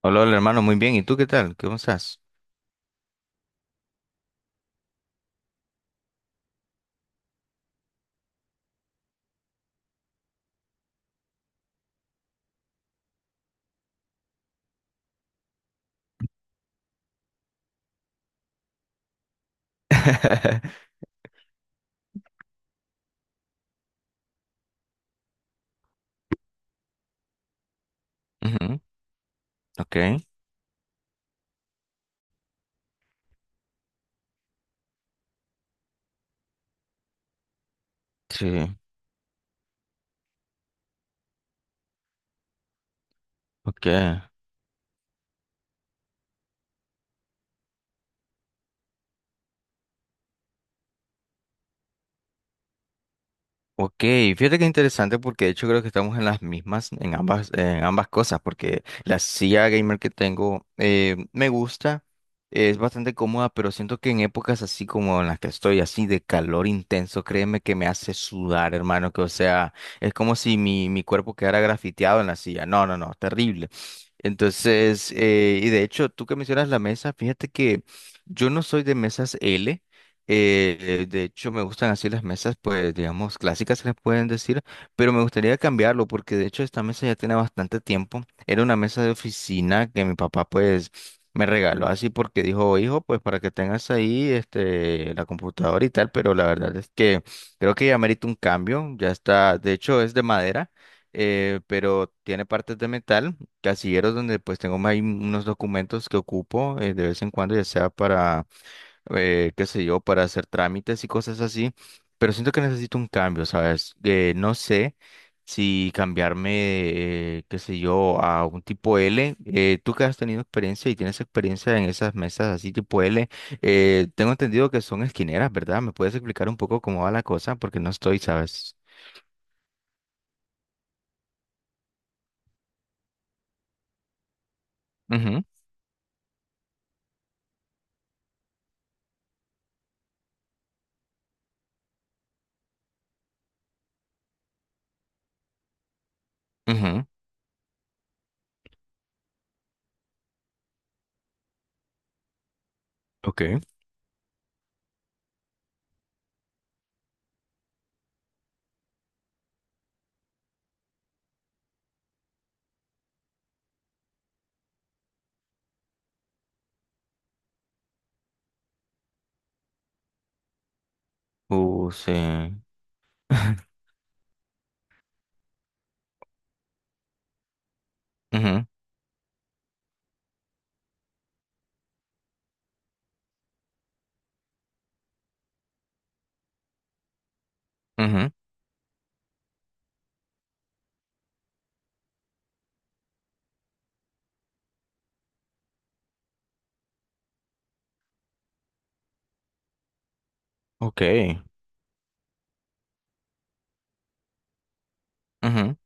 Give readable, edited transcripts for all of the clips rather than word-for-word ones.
Hola, hola, hermano, muy bien. ¿Y tú qué tal? ¿Cómo estás? Ujú. Ok, sí, ok. Ok, fíjate que interesante porque de hecho creo que estamos en las mismas, en ambas cosas, porque la silla gamer que tengo me gusta, es bastante cómoda, pero siento que en épocas así como en las que estoy, así de calor intenso, créeme que me hace sudar, hermano, que o sea, es como si mi cuerpo quedara grafiteado en la silla. No, no, no, terrible. Entonces, y de hecho, tú que mencionas la mesa, fíjate que yo no soy de mesas L. De hecho, me gustan así las mesas, pues, digamos, clásicas se les pueden decir, pero me gustaría cambiarlo porque de hecho esta mesa ya tiene bastante tiempo. Era una mesa de oficina que mi papá, pues, me regaló así porque dijo, hijo, pues, para que tengas ahí, este, la computadora y tal, pero la verdad es que creo que ya merita un cambio. Ya está, de hecho, es de madera, pero tiene partes de metal, casilleros donde, pues, tengo ahí unos documentos que ocupo de vez en cuando, ya sea para qué sé yo, para hacer trámites y cosas así, pero siento que necesito un cambio, ¿sabes? No sé si cambiarme, qué sé yo, a un tipo L. Tú que has tenido experiencia y tienes experiencia en esas mesas así tipo L, tengo entendido que son esquineras, ¿verdad? ¿Me puedes explicar un poco cómo va la cosa? Porque no estoy, ¿sabes? Ujú, ujú. Ok. Sí. Ujú, ujú. Ok. Ujú.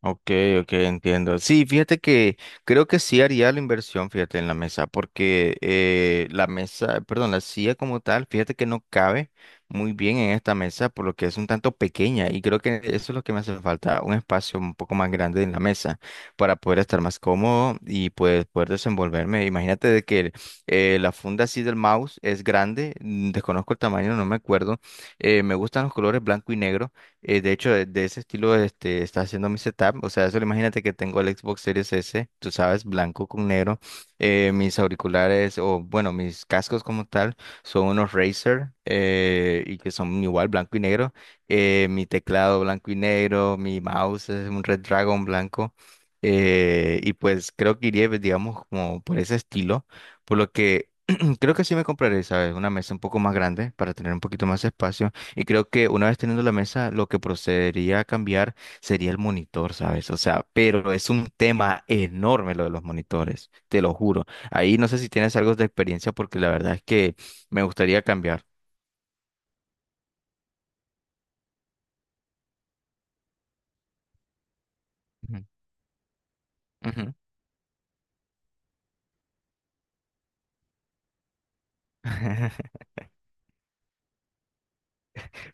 Ok, ok, entiendo. Sí, fíjate que creo que sí haría la inversión, fíjate, en la mesa, porque la mesa, perdón, la silla como tal, fíjate que no cabe muy bien en esta mesa, por lo que es un tanto pequeña y creo que eso es lo que me hace falta, un espacio un poco más grande en la mesa para poder estar más cómodo y pues poder desenvolverme. Imagínate de que la funda así del mouse es grande, desconozco el tamaño, no me acuerdo. Me gustan los colores blanco y negro. De hecho, de ese estilo este, está haciendo mi setup. O sea, solo imagínate que tengo el Xbox Series S, tú sabes, blanco con negro. Mis auriculares, o bueno, mis cascos como tal, son unos Razer y que son igual blanco y negro. Mi teclado blanco y negro, mi mouse es un Red Dragon blanco. Y pues creo que iría, pues, digamos, como por ese estilo. Por lo que creo que sí me compraré, ¿sabes? Una mesa un poco más grande para tener un poquito más espacio. Y creo que una vez teniendo la mesa, lo que procedería a cambiar sería el monitor, ¿sabes? O sea, pero es un tema enorme lo de los monitores, te lo juro. Ahí no sé si tienes algo de experiencia porque la verdad es que me gustaría cambiar. Ujú, ujú.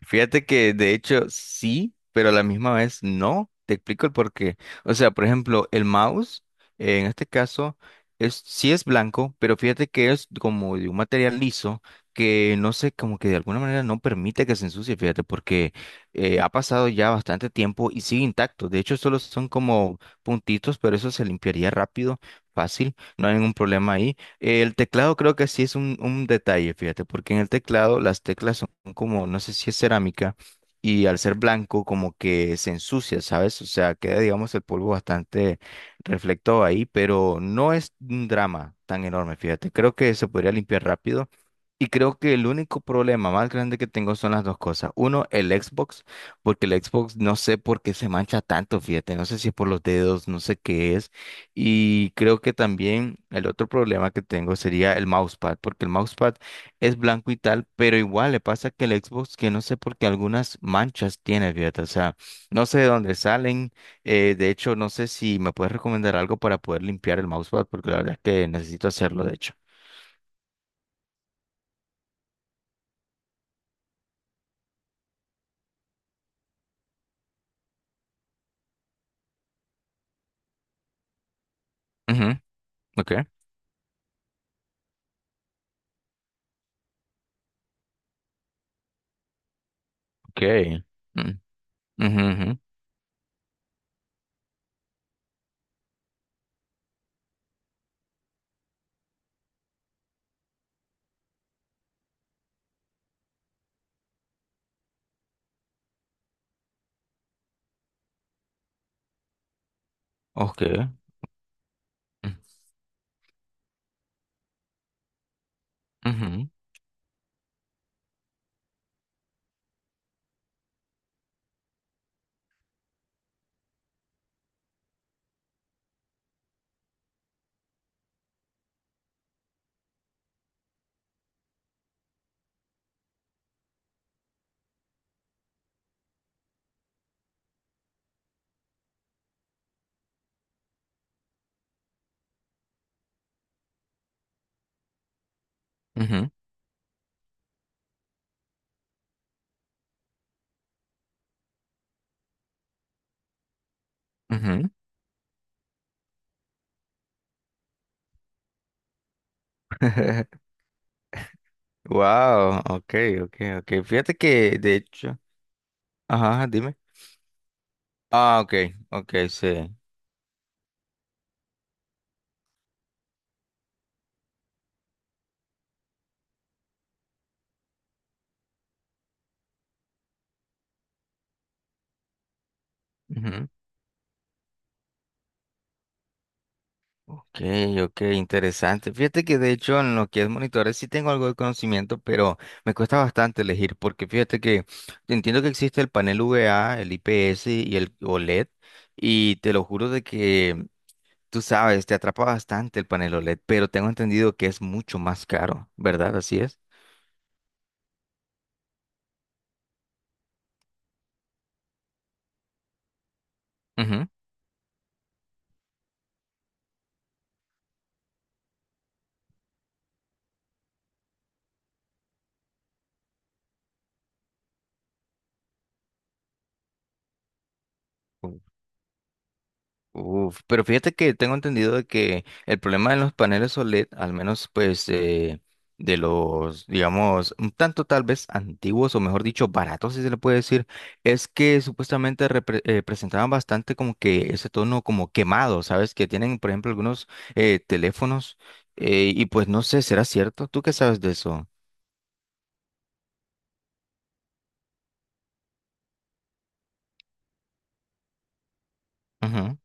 Fíjate que de hecho sí, pero a la misma vez no. Te explico el porqué. O sea, por ejemplo, el mouse, en este caso, es, sí es blanco, pero fíjate que es como de un material liso que no sé, como que de alguna manera no permite que se ensucie, fíjate, porque ha pasado ya bastante tiempo y sigue intacto. De hecho, solo son como puntitos, pero eso se limpiaría rápido, fácil, no hay ningún problema ahí. El teclado creo que sí es un detalle, fíjate, porque en el teclado las teclas como, no sé si es cerámica, y al ser blanco como que se ensucia, ¿sabes? O sea, queda, digamos, el polvo bastante reflectado ahí, pero no es un drama tan enorme, fíjate. Creo que se podría limpiar rápido. Y creo que el único problema más grande que tengo son las dos cosas. Uno, el Xbox, porque el Xbox no sé por qué se mancha tanto, fíjate, no sé si es por los dedos, no sé qué es. Y creo que también el otro problema que tengo sería el mousepad, porque el mousepad es blanco y tal, pero igual le pasa que el Xbox, que no sé por qué algunas manchas tiene, fíjate, o sea, no sé de dónde salen. De hecho, no sé si me puedes recomendar algo para poder limpiar el mousepad, porque la verdad es que necesito hacerlo, de hecho. Ujú, ok. Okay. Mm, ujú, ujú. Okay. Mm, ujú, ujú, ujú. Wow, okay, okay, okay. Fíjate que de hecho, ajá, dime. Ah, okay, okay, sí. Ujú. Okay, okay, interesante. Fíjate que de hecho en lo que es monitores sí tengo algo de conocimiento, pero me cuesta bastante elegir porque fíjate que entiendo que existe el panel VA, el IPS y el OLED y te lo juro de que tú sabes, te atrapa bastante el panel OLED, pero tengo entendido que es mucho más caro, ¿verdad? Así es. Ujú. Uf, uf, pero fíjate que tengo entendido de que el problema de los paneles OLED, al menos pues de los, digamos, un tanto tal vez antiguos o mejor dicho, baratos, si se le puede decir, es que supuestamente presentaban bastante como que ese tono como quemado, ¿sabes? Que tienen, por ejemplo, algunos teléfonos y pues no sé, ¿será cierto? ¿Tú qué sabes de eso? Ujú.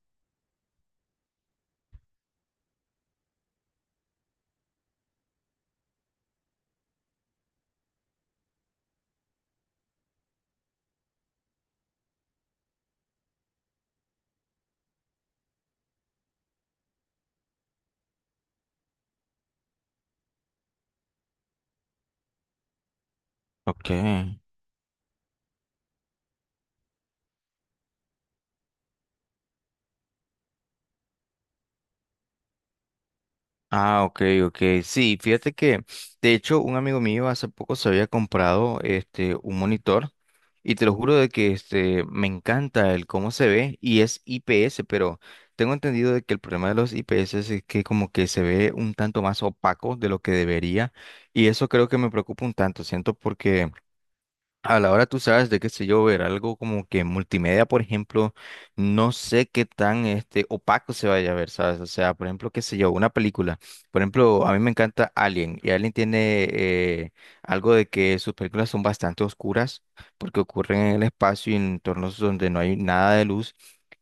Ok. Ah, ok, ok. Sí, fíjate que, de hecho, un amigo mío hace poco se había comprado este un monitor y te lo juro de que este me encanta el cómo se ve y es IPS, pero tengo entendido de que el problema de los IPS es que como que se ve un tanto más opaco de lo que debería y eso creo que me preocupa un tanto, siento porque a la hora tú sabes de qué sé yo, ver algo como que multimedia, por ejemplo, no sé qué tan este opaco se vaya a ver, ¿sabes? O sea, por ejemplo, qué sé yo, una película. Por ejemplo, a mí me encanta Alien y Alien tiene algo de que sus películas son bastante oscuras porque ocurren en el espacio y en entornos donde no hay nada de luz.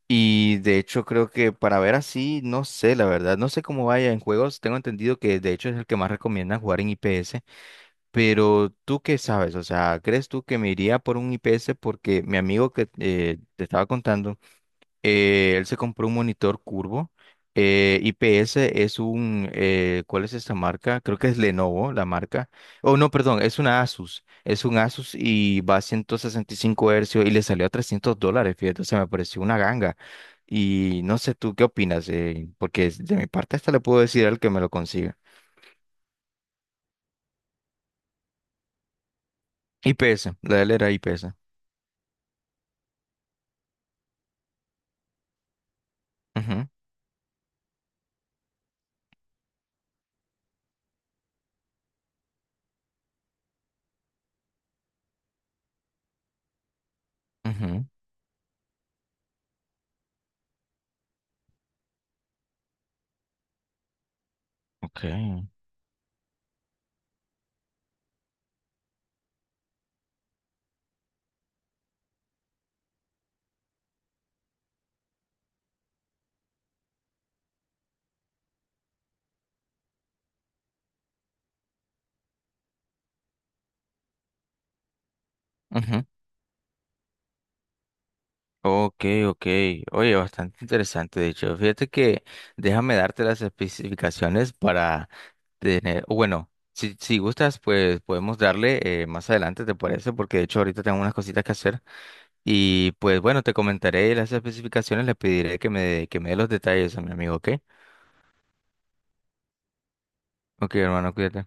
Y de hecho creo que para ver así, no sé, la verdad, no sé cómo vaya en juegos. Tengo entendido que de hecho es el que más recomiendan jugar en IPS. Pero tú qué sabes, o sea, ¿crees tú que me iría por un IPS? Porque mi amigo que te estaba contando, él se compró un monitor curvo. IPS es un, ¿cuál es esta marca? Creo que es Lenovo, la marca. Oh, no, perdón, es una Asus. Es un Asus y va a 165 hercios y le salió a $300, fíjate, o sea, me pareció una ganga. Y no sé tú qué opinas, porque de mi parte hasta le puedo decir al que me lo consiga. IPS, la de él era IPS. Ujú, ujú. Okay. Ujú. Okay, okay. Oye, bastante interesante, de hecho. Fíjate que déjame darte las especificaciones para tener, o bueno, si gustas, pues podemos darle más adelante, ¿te parece? Porque de hecho ahorita tengo unas cositas que hacer. Y pues bueno, te comentaré las especificaciones, le pediré que me dé los detalles a mi amigo, ¿ok? Ok, hermano, cuídate.